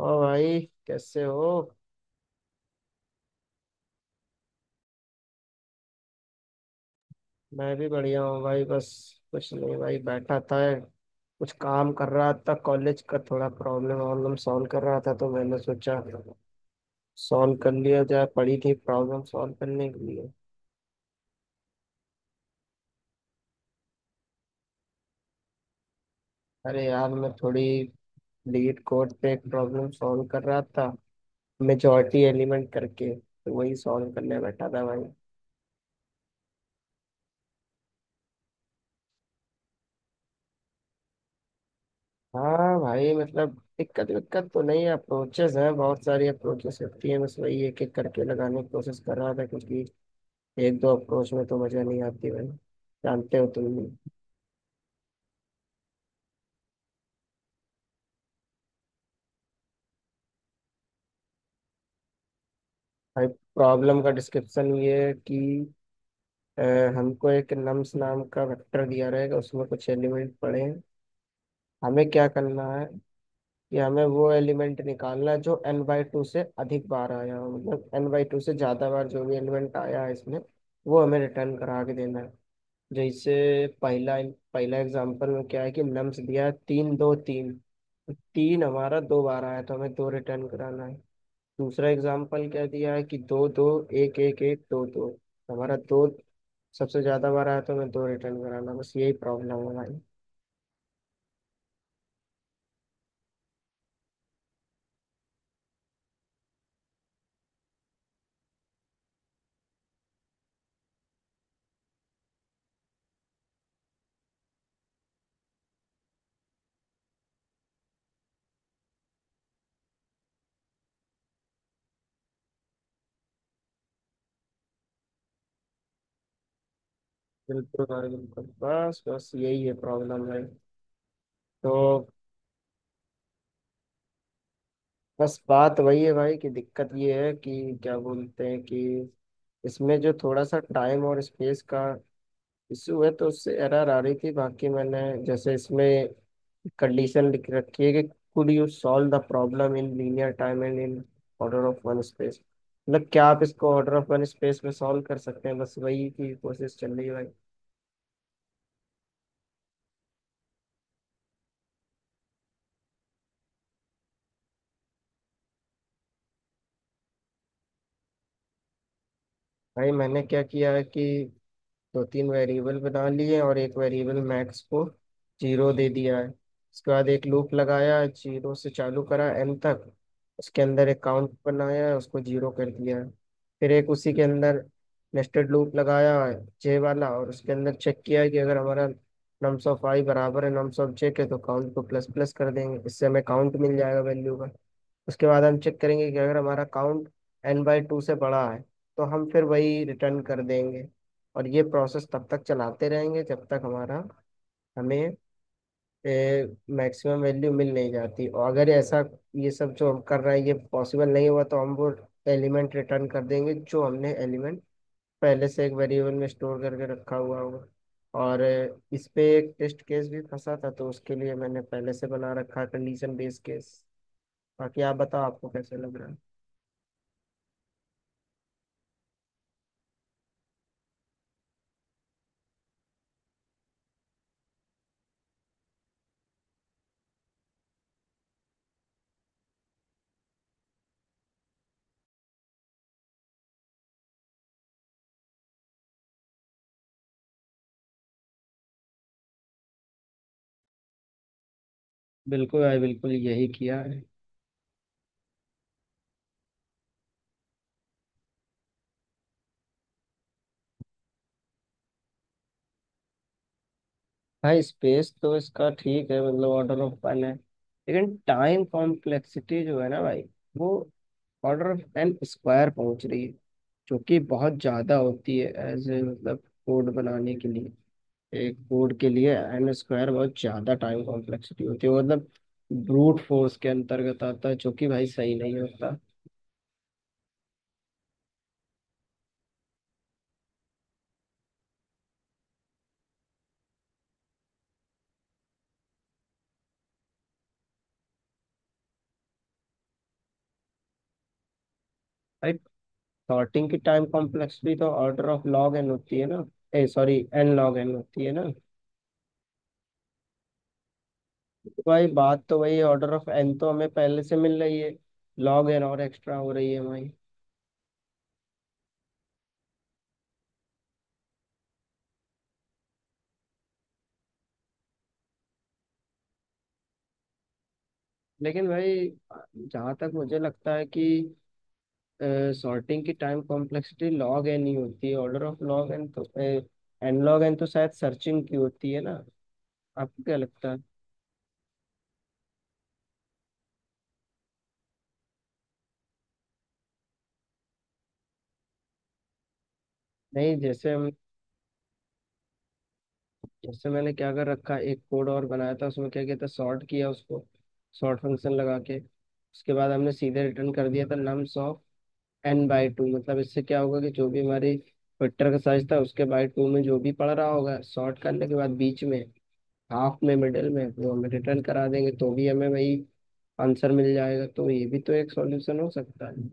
और भाई, कैसे हो? मैं भी बढ़िया हूँ भाई। बस कुछ नहीं भाई, बैठा था, कुछ काम कर रहा था। कॉलेज का थोड़ा प्रॉब्लम वॉब्लम सॉल्व कर रहा था तो मैंने सोचा सॉल्व कर लिया जाए, पड़ी थी प्रॉब्लम सॉल्व करने के लिए। अरे यार, मैं थोड़ी लीड कोड पे एक प्रॉब्लम सॉल्व कर रहा था, मेजॉरिटी एलिमेंट करके, तो वही सॉल्व करने बैठा था भाई। हाँ भाई, मतलब दिक्कत विक्कत तो नहीं है, अप्रोचेस हैं, बहुत सारी अप्रोचेस होती हैं, बस वही एक एक करके लगाने की कोशिश कर रहा था, क्योंकि एक दो अप्रोच में तो मजा नहीं आती भाई, जानते हो तुम भी। भाई, प्रॉब्लम का डिस्क्रिप्शन ये है कि अ, हमको एक नम्स नाम का वेक्टर दिया रहेगा, उसमें कुछ एलिमेंट पड़े हैं। हमें क्या करना है कि हमें वो एलिमेंट निकालना है जो एन बाई टू से अधिक बार आया हो, मतलब एन बाई टू से ज़्यादा बार जो भी एलिमेंट आया है इसमें, वो हमें रिटर्न करा के देना है। जैसे पहला पहला एग्जांपल में क्या है कि नम्स दिया है, तीन दो तीन, तो तीन हमारा दो बार आया तो हमें दो रिटर्न कराना है। दूसरा एग्जांपल क्या दिया है कि दो दो एक एक एक दो दो, तो हमारा दो सबसे ज्यादा बार आया तो हमें दो रिटर्न कराना, बस यही प्रॉब्लम है भाई। बिल्कुल भाई बिल्कुल, बस बस यही है प्रॉब्लम भाई। तो बस बात वही है भाई कि दिक्कत ये है कि क्या बोलते हैं कि इसमें जो थोड़ा सा टाइम और स्पेस का इशू है, तो उससे एरर आ रही थी। बाकी मैंने जैसे इसमें कंडीशन लिख रखी है कि could you solve the problem in linear time and in order of one space, मतलब क्या आप इसको ऑर्डर ऑफ वन स्पेस में सॉल्व कर सकते हैं? बस वही की कोशिश चल रही है भाई। भाई मैंने क्या किया है कि दो तीन वेरिएबल बना लिए और एक वेरिएबल मैक्स को जीरो दे दिया है। उसके बाद एक लूप लगाया, जीरो से चालू करा एन तक। उसके अंदर एक काउंट बनाया, उसको जीरो कर दिया है। फिर एक उसी के अंदर नेस्टेड लूप लगाया जे वाला, और उसके अंदर चेक किया कि अगर हमारा नम्स ऑफ आई बराबर है नम्स ऑफ जे के, तो काउंट को प्लस प्लस कर देंगे, इससे हमें काउंट मिल जाएगा वैल्यू का। उसके बाद हम चेक करेंगे कि अगर हमारा काउंट एन बाई टू से बड़ा है तो हम फिर वही रिटर्न कर देंगे। और ये प्रोसेस तब तक चलाते रहेंगे जब तक हमारा हमें मैक्सिमम वैल्यू मिल नहीं जाती। और अगर ऐसा ये सब जो हम कर रहे हैं ये पॉसिबल नहीं हुआ, तो हम वो एलिमेंट रिटर्न कर देंगे जो हमने एलिमेंट पहले से एक वेरिएबल में स्टोर करके रखा हुआ होगा। और इस पे एक टेस्ट केस भी फंसा था, तो उसके लिए मैंने पहले से बना रखा कंडीशन बेस्ड केस। बाकी आप बताओ, आपको कैसे लग रहा है। बिल्कुल भाई बिल्कुल, यही किया है। भाई स्पेस तो इसका ठीक है, मतलब ऑर्डर ऑफ वन है, लेकिन टाइम कॉम्प्लेक्सिटी जो है ना भाई, वो ऑर्डर ऑफ एन स्क्वायर पहुंच रही है, जो कि बहुत ज़्यादा होती है। एज ए, मतलब कोड बनाने के लिए, एक कोड के लिए एन स्क्वायर बहुत ज़्यादा टाइम कॉम्प्लेक्सिटी होती है, वो मतलब ब्रूट फोर्स के अंतर्गत आता है जो कि भाई सही नहीं होता। भाई सॉर्टिंग की टाइम कॉम्प्लेक्सिटी तो ऑर्डर ऑफ लॉग एन होती है ना, ए सॉरी एन लॉग एन होती है ना। भाई बात तो वही, ऑर्डर ऑफ एन तो हमें पहले से मिल रही है, लॉग एन और एक्स्ट्रा हो रही है हमारी। लेकिन भाई जहाँ तक मुझे लगता है कि सॉर्टिंग की टाइम कॉम्प्लेक्सिटी लॉग एन ही होती है, ऑर्डर ऑफ लॉग एन, तो एन लॉग एन तो शायद सर्चिंग की होती है ना? आपको क्या लगता है? नहीं, जैसे मैंने क्या कर रखा, एक कोड और बनाया था, उसमें क्या किया था, सॉर्ट किया उसको, सॉर्ट फंक्शन लगा के, उसके बाद हमने सीधे रिटर्न कर दिया था नम्स एन बाई टू। मतलब इससे क्या होगा कि जो भी हमारी वेक्टर का साइज था उसके बाई टू में जो भी पड़ रहा होगा सॉर्ट करने के बाद, बीच में, हाफ में, मिडिल में, वो हम रिटर्न करा देंगे, तो भी हमें वही आंसर मिल जाएगा। तो ये भी तो एक सॉल्यूशन हो सकता है।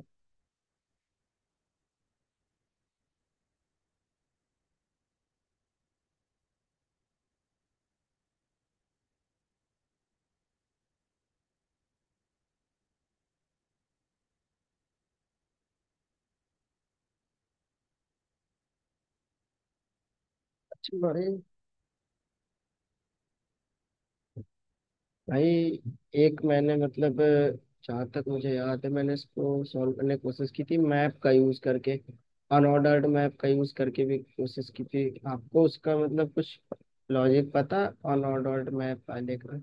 अच्छा भाई। भाई, एक मैंने, मतलब जहाँ तक मुझे याद है, मैंने इसको सॉल्व करने की कोशिश की थी मैप का यूज करके, अनऑर्डर्ड मैप का यूज करके भी कोशिश की थी। आपको उसका मतलब कुछ लॉजिक पता, अनऑर्डर्ड मैप वाले का?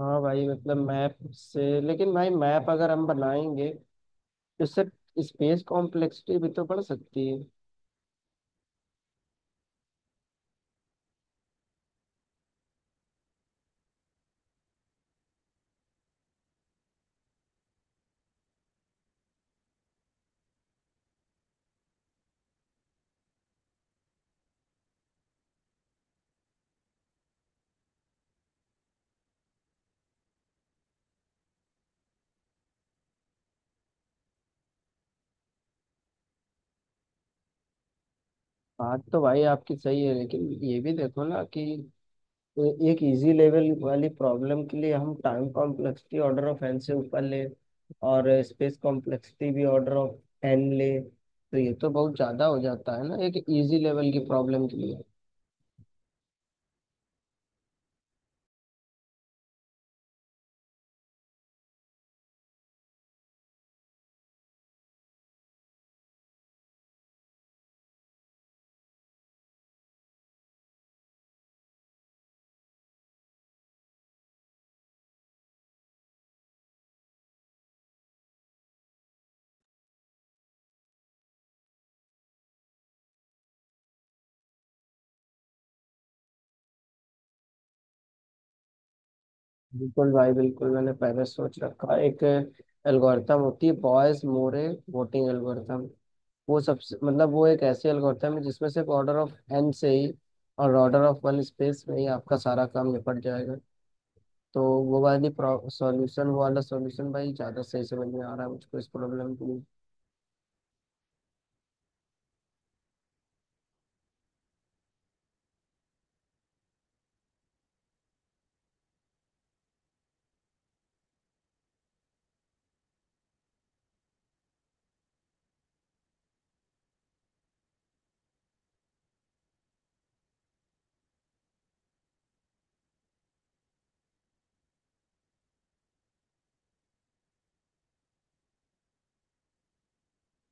हाँ भाई, मतलब मैप से, लेकिन भाई मैप अगर हम बनाएंगे तो उससे स्पेस कॉम्प्लेक्सिटी भी तो बढ़ सकती है। बात तो भाई आपकी सही है, लेकिन ये भी देखो ना कि एक इजी लेवल वाली प्रॉब्लम के लिए हम time complexity order of n से ऊपर ले और स्पेस कॉम्प्लेक्सिटी भी ऑर्डर ऑफ एन ले, तो ये तो बहुत ज़्यादा हो जाता है ना एक इजी लेवल की प्रॉब्लम के लिए। बिल्कुल भाई बिल्कुल, मैंने पहले सोच रखा है। एक एल्गोरिथम होती है, बॉयज मोरे वोटिंग एल्गोरिथम। वो सबसे, मतलब वो एक ऐसी एल्गोरिथम है जिसमें सिर्फ ऑर्डर ऑफ एन से ही और ऑर्डर ऑफ वन स्पेस में ही आपका सारा काम निपट जाएगा। तो वो वाली सॉल्यूशन वो वाला सॉल्यूशन भाई ज़्यादा सही समझ में आ रहा है मुझको इस प्रॉब्लम के लिए।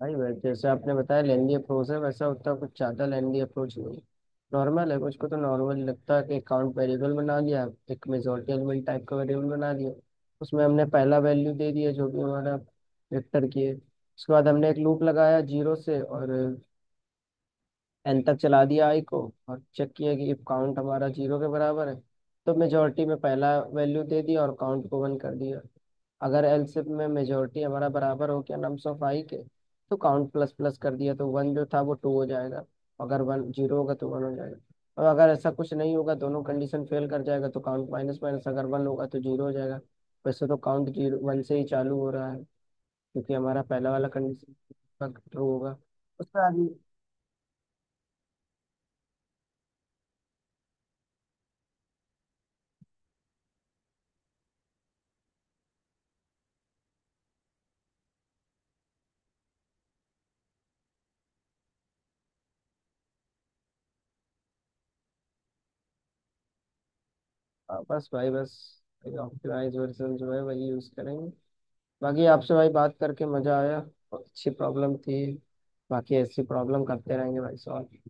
भाई वैसे, जैसे आपने बताया लेंदी अप्रोच है, वैसा उतना कुछ ज़्यादा लेंदी अप्रोच नहीं है, नॉर्मल है। कुछ को तो नॉर्मल लगता है कि अकाउंट वेरिएबल बना लिया, एक मेजोरिटी एलिमेंट टाइप का वेरिएबल बना लिया, उसमें हमने पहला वैल्यू दे दिया जो भी हमारा वेक्टर की है। उसके बाद हमने एक लूप लगाया जीरो से और एन तक चला दिया आई को, और चेक किया कि इफ काउंट हमारा जीरो के बराबर है तो मेजोरिटी में पहला वैल्यू दे दिया और काउंट को वन कर दिया। अगर एलसिफ में मेजोरिटी हमारा बराबर हो गया नम्स ऑफ आई के, तो काउंट प्लस प्लस कर दिया, तो वन जो था वो टू हो जाएगा, अगर वन जीरो होगा तो वन हो जाएगा। और अगर ऐसा कुछ नहीं होगा, दोनों कंडीशन फेल कर जाएगा, तो काउंट माइनस माइनस, अगर वन होगा तो जीरो हो जाएगा। वैसे तो काउंट जीरो वन से ही चालू हो रहा है क्योंकि हमारा पहला वाला कंडीशन ट्रू होगा। उसका बस भाई बस, ऑप्टिमाइज वर्जन जो है वही यूज करेंगे। बाकी आपसे भाई बात करके मजा आया, बहुत अच्छी प्रॉब्लम थी। बाकी ऐसी प्रॉब्लम करते रहेंगे भाई सॉल्व।